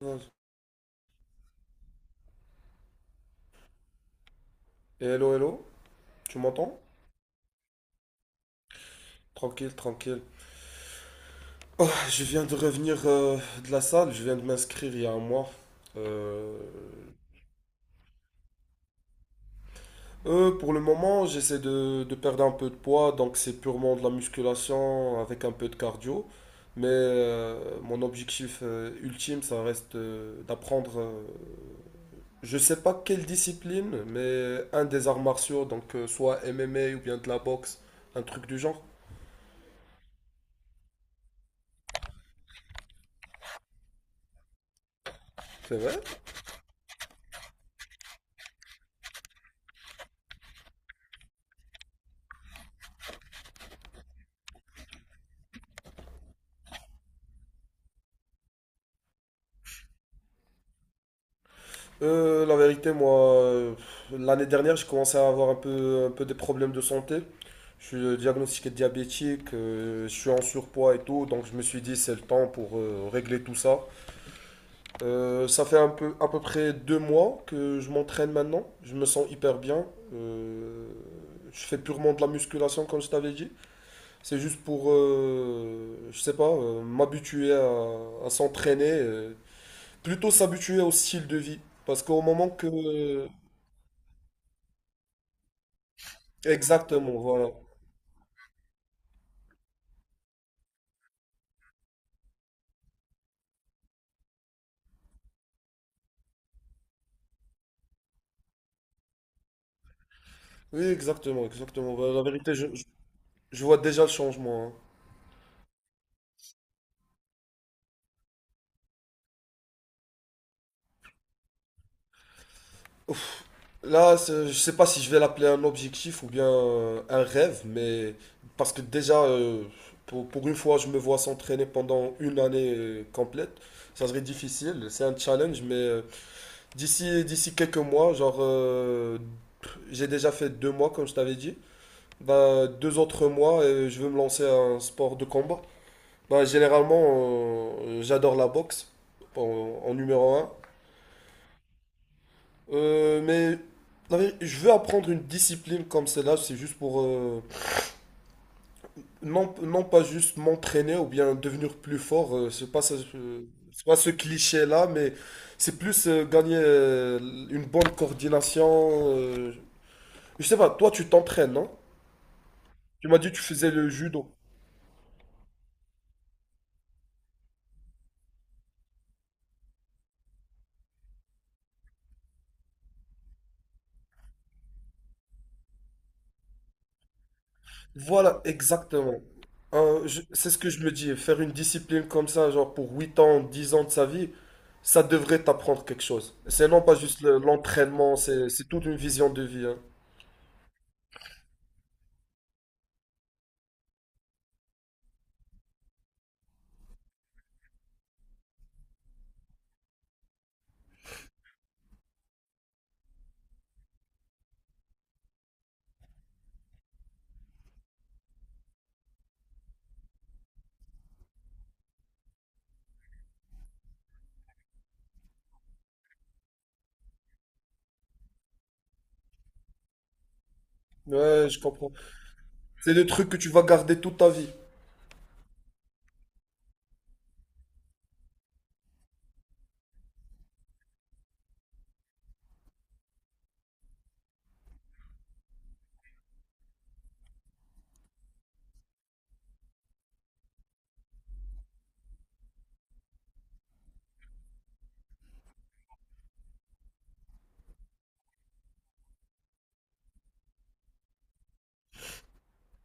Hello, hello, tu m'entends? Tranquille, tranquille. Oh, je viens de revenir de la salle, je viens de m'inscrire il y a un mois. Euh, pour le moment, j'essaie de perdre un peu de poids, donc c'est purement de la musculation avec un peu de cardio. Mais mon objectif ultime, ça reste d'apprendre, je sais pas quelle discipline, mais un des arts martiaux, donc soit MMA ou bien de la boxe, un truc du genre. C'est vrai? La vérité, moi, l'année dernière, j'ai commencé à avoir un peu des problèmes de santé. Je suis diagnostiqué diabétique, je suis en surpoids et tout, donc je me suis dit c'est le temps pour régler tout ça. Ça fait un peu, à peu près 2 mois que je m'entraîne maintenant, je me sens hyper bien. Euh, je fais purement de la musculation comme je t'avais dit. C'est juste pour, je sais pas, m'habituer à s'entraîner, plutôt s'habituer au style de vie. Parce qu'au moment que, exactement, voilà. Oui, exactement, exactement. Voilà, la vérité, je vois déjà le changement, hein. Là, je sais pas si je vais l'appeler un objectif ou bien un rêve, mais parce que déjà, pour une fois, je me vois s'entraîner pendant une année complète. Ça serait difficile, c'est un challenge, mais d'ici quelques mois, genre, j'ai déjà fait 2 mois, comme je t'avais dit. Bah, 2 autres mois, et je veux me lancer à un sport de combat. Bah, généralement, j'adore la boxe en, en numéro 1. Mais je veux apprendre une discipline comme celle-là, c'est juste pour non, non pas juste m'entraîner ou bien devenir plus fort, c'est pas, ça c'est pas ce cliché-là, mais c'est plus gagner une bonne coordination. Je sais pas, toi tu t'entraînes, non? Tu m'as dit que tu faisais le judo. Voilà, exactement. C'est ce que je me dis, faire une discipline comme ça, genre pour 8 ans, 10 ans de sa vie, ça devrait t'apprendre quelque chose. C'est non pas juste l'entraînement, c'est toute une vision de vie, hein. Ouais, je comprends. C'est des trucs que tu vas garder toute ta vie.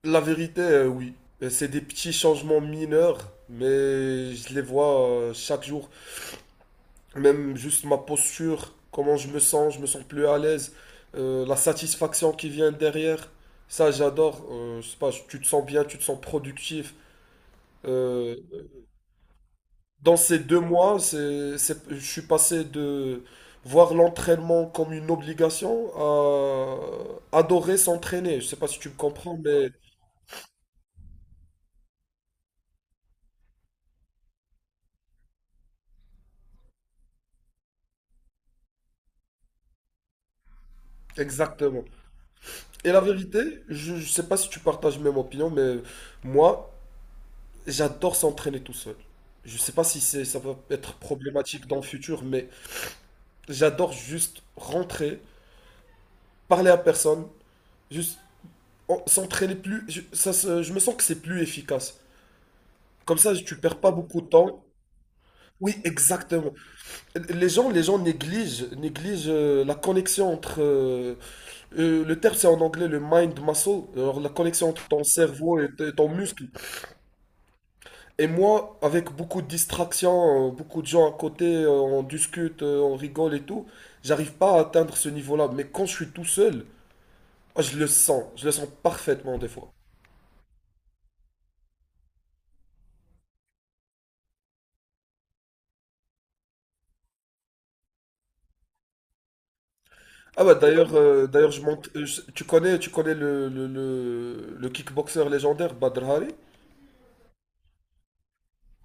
La vérité, oui. C'est des petits changements mineurs, mais je les vois chaque jour. Même juste ma posture, comment je me sens plus à l'aise, la satisfaction qui vient derrière, ça j'adore. Je sais pas, tu te sens bien, tu te sens productif. Euh, dans ces 2 mois, je suis passé de voir l'entraînement comme une obligation à adorer s'entraîner. Je sais pas si tu me comprends, mais exactement. Et la vérité, je sais pas si tu partages même opinion, mais moi, j'adore s'entraîner tout seul. Je sais pas si ça va être problématique dans le futur, mais j'adore juste rentrer, parler à personne, juste s'entraîner plus. Je me sens que c'est plus efficace. Comme ça, tu perds pas beaucoup de temps. Oui, exactement. Les gens négligent la connexion entre. Le terme, c'est en anglais le mind muscle, alors la connexion entre ton cerveau et ton muscle. Et moi, avec beaucoup de distractions, beaucoup de gens à côté, on discute, on rigole et tout, j'arrive pas à atteindre ce niveau-là. Mais quand je suis tout seul, ah, je le sens parfaitement des fois. Ah bah d'ailleurs, d'ailleurs je monte, tu connais le kickboxer légendaire Badr Hari?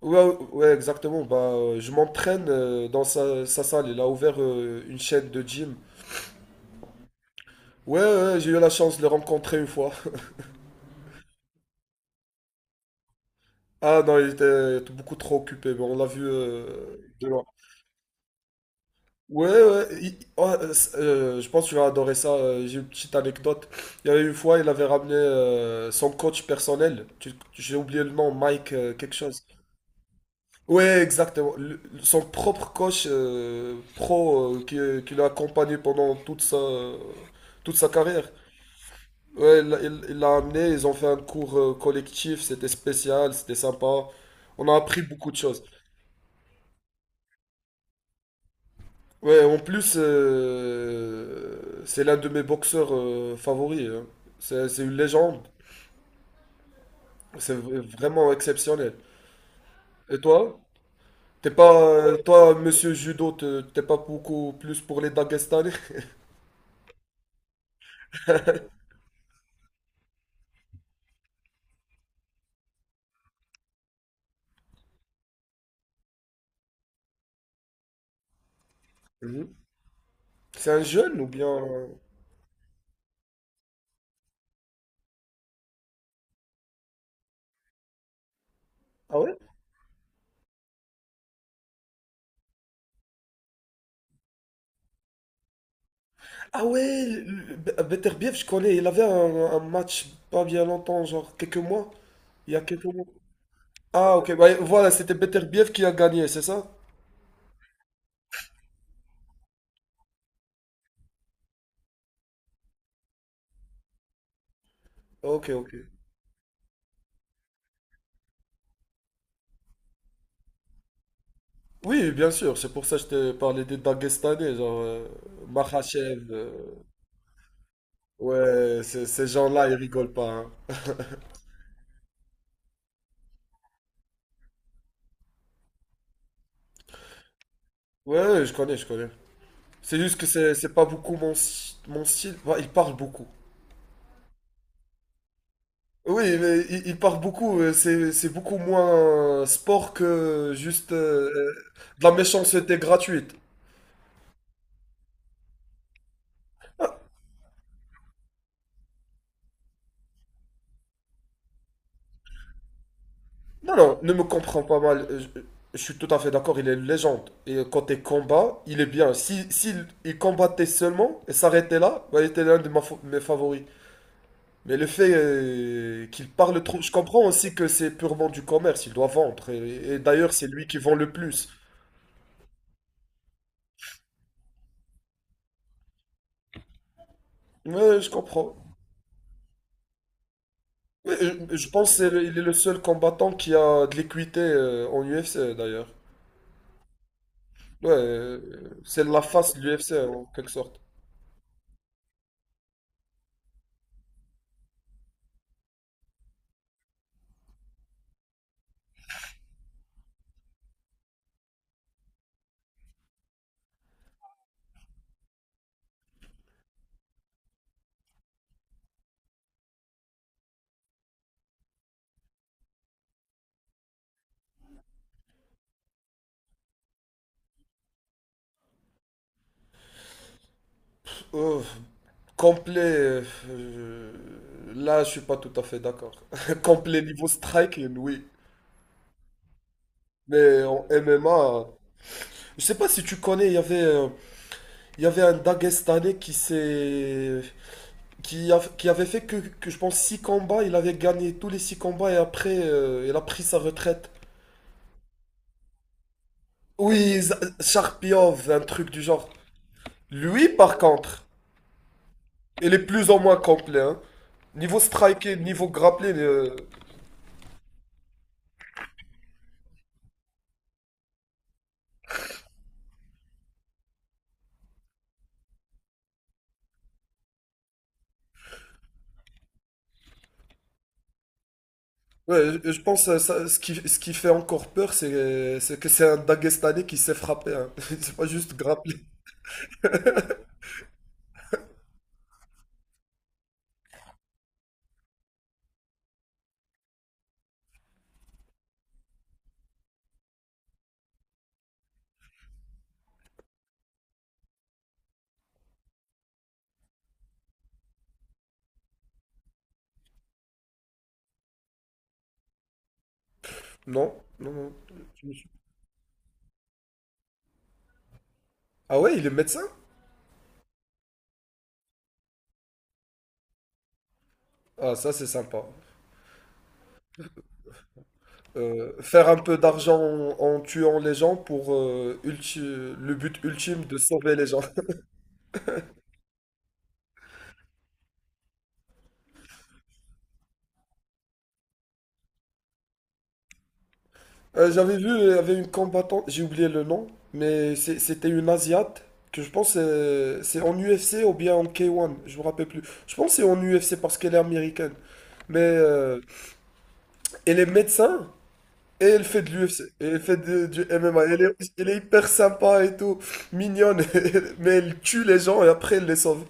Ouais, ouais, exactement. Bah, je m'entraîne dans sa salle. Il a ouvert une chaîne de gym. Ouais, ouais, j'ai eu la chance de le rencontrer une fois. Ah non, il était beaucoup trop occupé, mais on l'a vu de loin. Ouais, ouais, oh, je pense que tu vas adorer ça. J'ai une petite anecdote. Il y avait une fois, il avait ramené son coach personnel. J'ai oublié le nom, Mike quelque chose. Ouais, exactement. Son propre coach pro qui l'a accompagné pendant toute toute sa carrière. Ouais, il l'a amené, ils ont fait un cours collectif, c'était spécial, c'était sympa. On a appris beaucoup de choses. Ouais, en plus, c'est l'un de mes boxeurs favoris, hein. C'est une légende. Vraiment exceptionnel. Et toi? T'es pas, toi, monsieur judo, t'es pas beaucoup plus pour les Dagestanais? Mhm. C'est un jeune ou bien... Ah ouais? Ah ouais, Beterbiev, je connais. Il avait un match pas bien longtemps, genre quelques mois. Il y a quelques mois. Ah, ok, bah, voilà, c'était Beterbiev qui a gagné, c'est ça? Ok, ok. Oui, bien sûr, c'est pour ça que je t'ai parlé des Dagestanais, genre Makhachev, ouais, ces gens-là, ils rigolent pas, hein. Ouais, ouais, je connais, je connais. C'est juste que c'est pas beaucoup mon style. Bah, ils parlent beaucoup. Oui, mais ils parlent beaucoup, c'est beaucoup moins sport que juste de la méchanceté gratuite. Non, non, ne me comprends pas mal. Je suis tout à fait d'accord, il est une légende. Et côté combat, il est bien. Si, s'il- il combattait seulement et s'arrêtait là, bah, il était l'un de mes favoris. Mais le fait qu'il parle trop, je comprends aussi que c'est purement du commerce, il doit vendre. Et d'ailleurs, c'est lui qui vend le plus. Ouais, je comprends. Mais, je pense qu'il est le seul combattant qui a de l'équité en UFC, d'ailleurs. Ouais, c'est la face de l'UFC, en quelque sorte. Euh, Complet, euh, là je suis pas tout à fait d'accord. Complet niveau striking, oui. Mais en MMA, je sais pas si tu connais, il y avait un Dagestanais qui s'est, qui, a- qui avait fait que je pense 6 combats, il avait gagné tous les 6 combats et après il a pris sa retraite. Oui, Sharpiov, un truc du genre. Lui par contre, il est plus ou moins complet, hein. Niveau striking, niveau grappling. Ouais, je pense ça, ce qui fait encore peur, c'est que c'est un Daguestanais qui s'est frappé, hein. C'est pas juste grappler. Non, non, non. Ah ouais, il est médecin? Ah, ça, c'est sympa. Faire un peu d'argent en tuant les gens pour le but ultime de sauver les gens. J'avais vu, il y avait une combattante, j'ai oublié le nom, mais c'était une Asiate que je pense c'est en UFC ou bien en K1, je me rappelle plus. Je pense que c'est en UFC parce qu'elle est américaine. Mais elle est médecin. Et elle fait de l'UFC, et elle fait du MMA, elle est hyper sympa et tout, mignonne, mais elle tue les gens et après elle les sauve.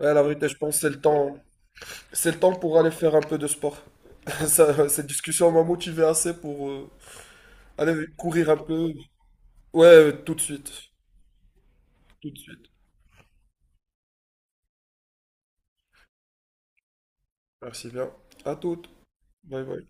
Ouais, la vérité, je pense que c'est le temps pour aller faire un peu de sport. Ça, cette discussion m'a motivé assez pour aller courir un peu. Ouais, tout de suite, tout de suite. Merci bien. À toutes. Bye bye.